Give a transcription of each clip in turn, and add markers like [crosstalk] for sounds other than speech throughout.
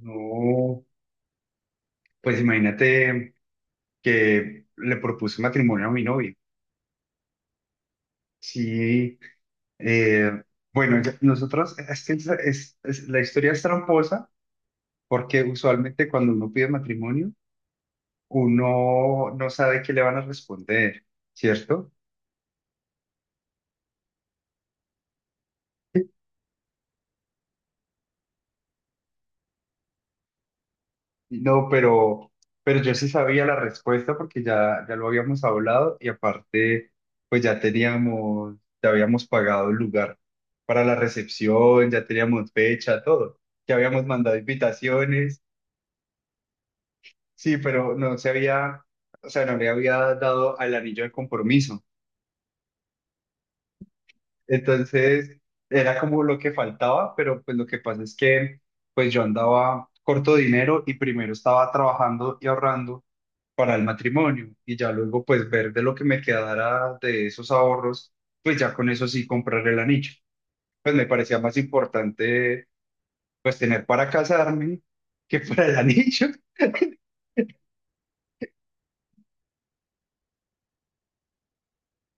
No, pues imagínate que le propuse matrimonio a mi novio. Sí, eh, bueno, nosotros, es que la historia es tramposa porque usualmente cuando uno pide matrimonio, uno no sabe qué le van a responder, ¿cierto? No, pero yo sí sabía la respuesta porque ya lo habíamos hablado y aparte, pues ya habíamos pagado el lugar para la recepción, ya teníamos fecha, todo. Ya habíamos mandado invitaciones, sí, pero no se había, o sea, no le había dado al anillo de compromiso. Entonces, era como lo que faltaba, pero pues lo que pasa es que, pues yo andaba corto de dinero y primero estaba trabajando y ahorrando para el matrimonio y ya luego pues ver de lo que me quedara de esos ahorros, pues ya con eso sí comprar el anillo. Pues me parecía más importante pues tener para casarme que para el [laughs] anillo.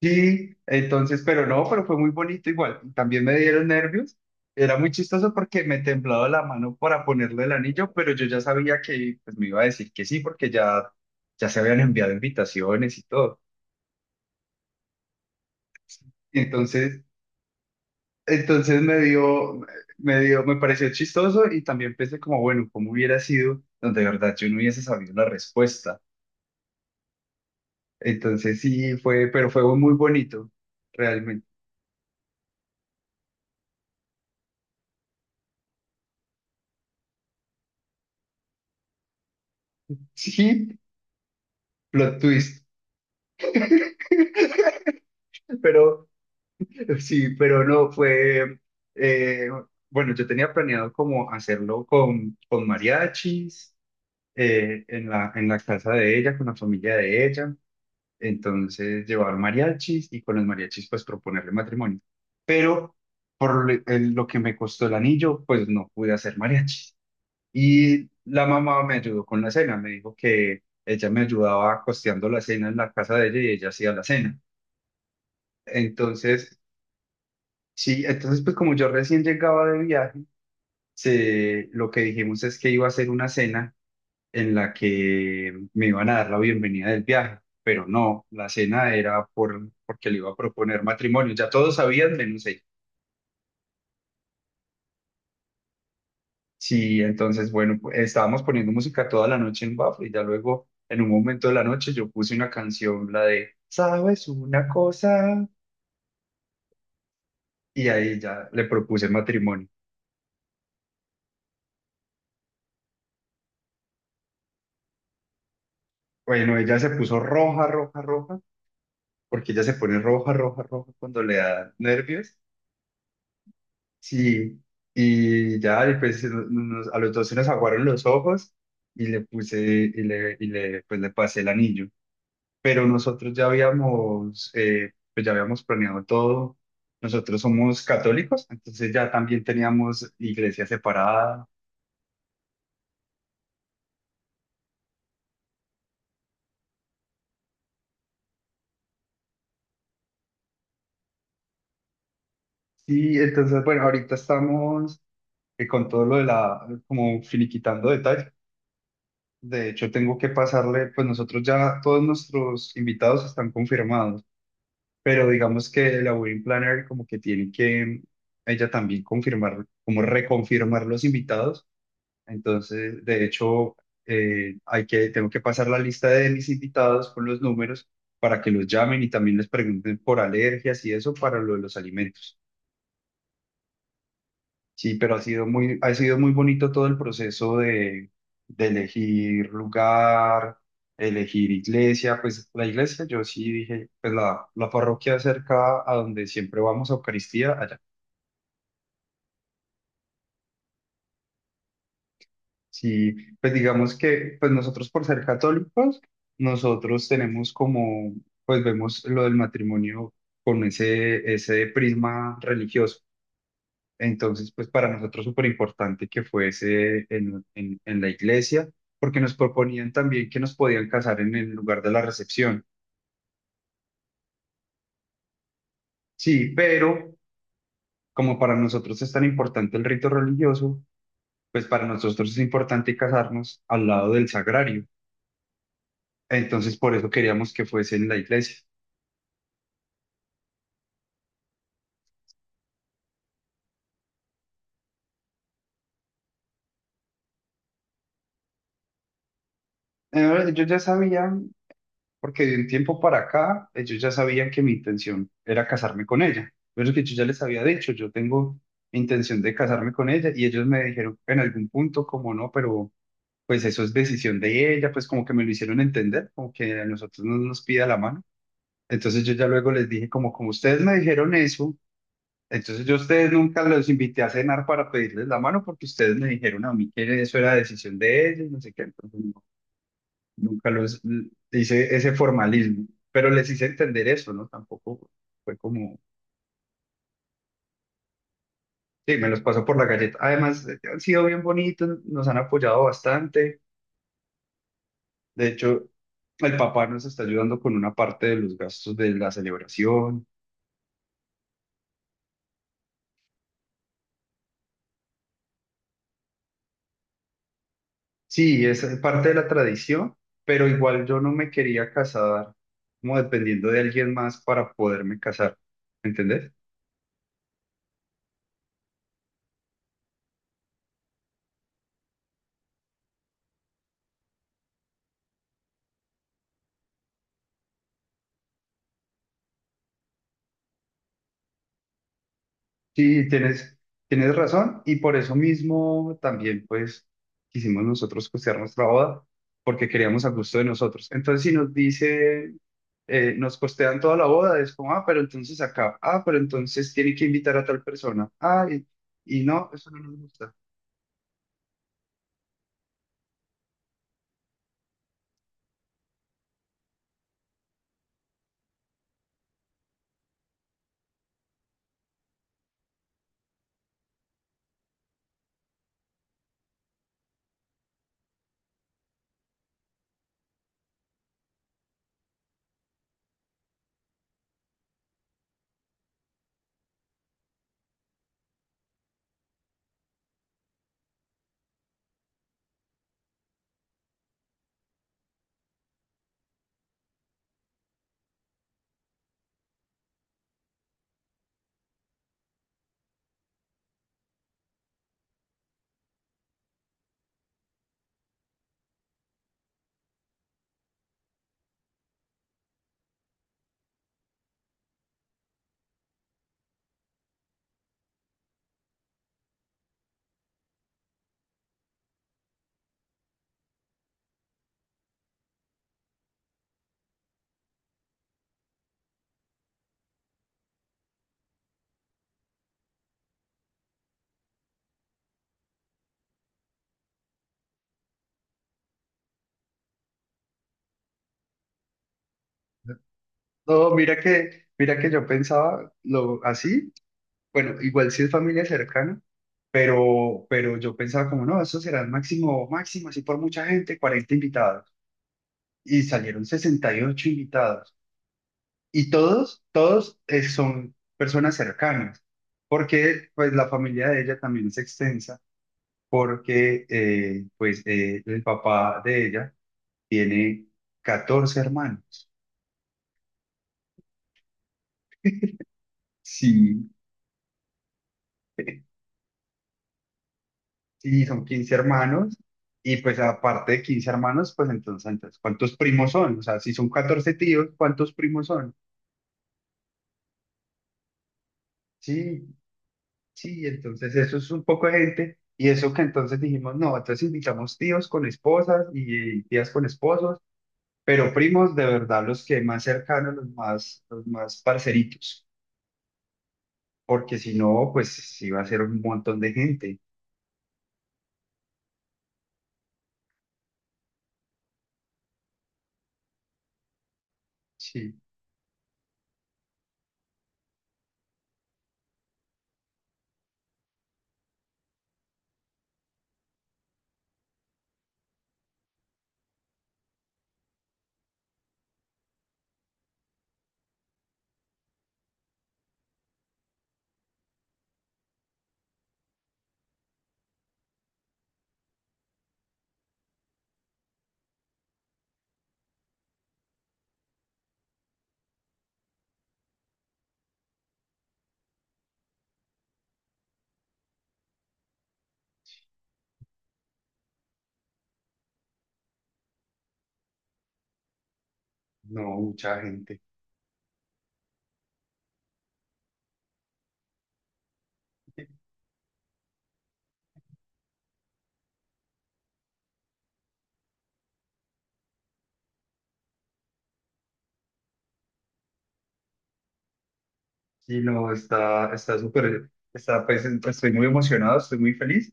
Sí, entonces, pero no, pero fue muy bonito igual. También me dieron nervios. Era muy chistoso porque me temblaba la mano para ponerle el anillo, pero yo ya sabía que pues, me iba a decir que sí porque ya se habían enviado invitaciones y todo. Entonces, Entonces, me pareció chistoso y también pensé como, bueno, ¿cómo hubiera sido donde de verdad yo no hubiese sabido la respuesta? Entonces pero fue muy bonito, realmente. Sí, plot twist, [laughs] pero sí, pero no fue, eh, bueno, yo tenía planeado como hacerlo con mariachis, en la casa de ella, con la familia de ella. Entonces, llevar mariachis y con los mariachis, pues proponerle matrimonio. Pero por lo que me costó el anillo, pues no pude hacer mariachis. Y la mamá me ayudó con la cena. Me dijo que ella me ayudaba costeando la cena en la casa de ella y ella hacía la cena. Entonces, sí, entonces, pues como yo recién llegaba de viaje, lo que dijimos es que iba a hacer una cena en la que me iban a dar la bienvenida del viaje, pero no, la cena era porque le iba a proponer matrimonio, ya todos sabían menos ella. Sí, entonces, bueno, estábamos poniendo música toda la noche en Bafo y ya luego, en un momento de la noche, yo puse una canción, la de, ¿sabes una cosa? Y ahí ya le propuse matrimonio. Bueno, ella se puso roja, roja, roja, porque ella se pone roja, roja, roja cuando le da nervios. Sí, y ya después a los dos se nos aguaron los ojos y le puse pues le pasé el anillo. Pero nosotros pues ya habíamos planeado todo. Nosotros somos católicos, entonces ya también teníamos iglesia separada. Sí, entonces, bueno, ahorita estamos con todo como finiquitando detalles. De hecho, tengo que pasarle, pues nosotros ya, todos nuestros invitados están confirmados, pero digamos que la wedding planner como que tiene que ella también confirmar, como reconfirmar los invitados. Entonces, de hecho, tengo que pasar la lista de mis invitados con los números para que los llamen y también les pregunten por alergias y eso para lo de los alimentos. Sí, pero ha sido muy bonito todo el proceso de elegir lugar, elegir iglesia. Pues la iglesia, yo sí dije, pues la parroquia cerca a donde siempre vamos a Eucaristía, allá. Sí, pues digamos que pues nosotros por ser católicos, nosotros tenemos como, pues vemos lo del matrimonio con ese prisma religioso. Entonces, pues para nosotros súper importante que fuese en la iglesia, porque nos proponían también que nos podían casar en el lugar de la recepción. Sí, pero como para nosotros es tan importante el rito religioso, pues para nosotros es importante casarnos al lado del sagrario. Entonces, por eso queríamos que fuese en la iglesia. Yo ya sabía porque de un tiempo para acá ellos ya sabían que mi intención era casarme con ella. Pero es que yo ya les había dicho, yo tengo intención de casarme con ella, y ellos me dijeron en algún punto como no, pero pues eso es decisión de ella, pues como que me lo hicieron entender, como que a nosotros no nos pida la mano. Entonces yo ya luego les dije como ustedes me dijeron eso, entonces yo a ustedes nunca los invité a cenar para pedirles la mano porque ustedes me dijeron a mí que eso era decisión de ellos, no sé qué. Entonces, nunca los hice ese formalismo, pero les hice entender eso, ¿no? Tampoco fue como, sí, me los pasó por la galleta. Además, han sido bien bonitos, nos han apoyado bastante. De hecho, el papá nos está ayudando con una parte de los gastos de la celebración. Sí, es parte de la tradición, pero igual yo no me quería casar como dependiendo de alguien más para poderme casar, ¿entendés? Sí, tienes razón y por eso mismo también pues quisimos nosotros costear nuestra boda porque queríamos a gusto de nosotros. Entonces si nos dice, nos costean toda la boda, es como, ah, pero entonces acá, ah, pero entonces tienen que invitar a tal persona, ah, y no, eso no nos gusta. No, mira que yo pensaba lo así, bueno, igual si es familia cercana, pero yo pensaba como, no, eso será máximo, máximo, así por mucha gente, 40 invitados. Y salieron 68 invitados. Y todos, son personas cercanas, porque pues la familia de ella también es extensa, porque pues el papá de ella tiene 14 hermanos. Sí, [laughs] sí, son 15 hermanos. Y pues aparte de 15 hermanos, pues entonces, ¿cuántos primos son? O sea, si son 14 tíos, ¿cuántos primos son? Sí, sí, entonces eso es un poco de gente y eso que entonces dijimos, no, entonces invitamos tíos con esposas y tías con esposos, pero primos de verdad los que más cercanos, los más parceritos, porque si no, pues sí va a ser un montón de gente. Sí, no, mucha gente. Sí, no, está súper, estoy muy emocionado, estoy muy feliz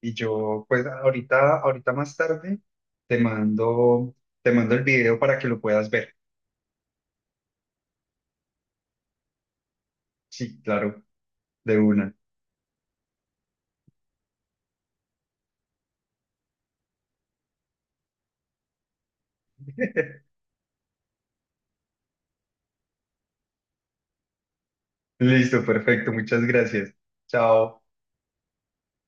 y yo pues ahorita más tarde te mando, te mando el video para que lo puedas ver. Sí, claro. De una. Listo, perfecto. Muchas gracias. Chao.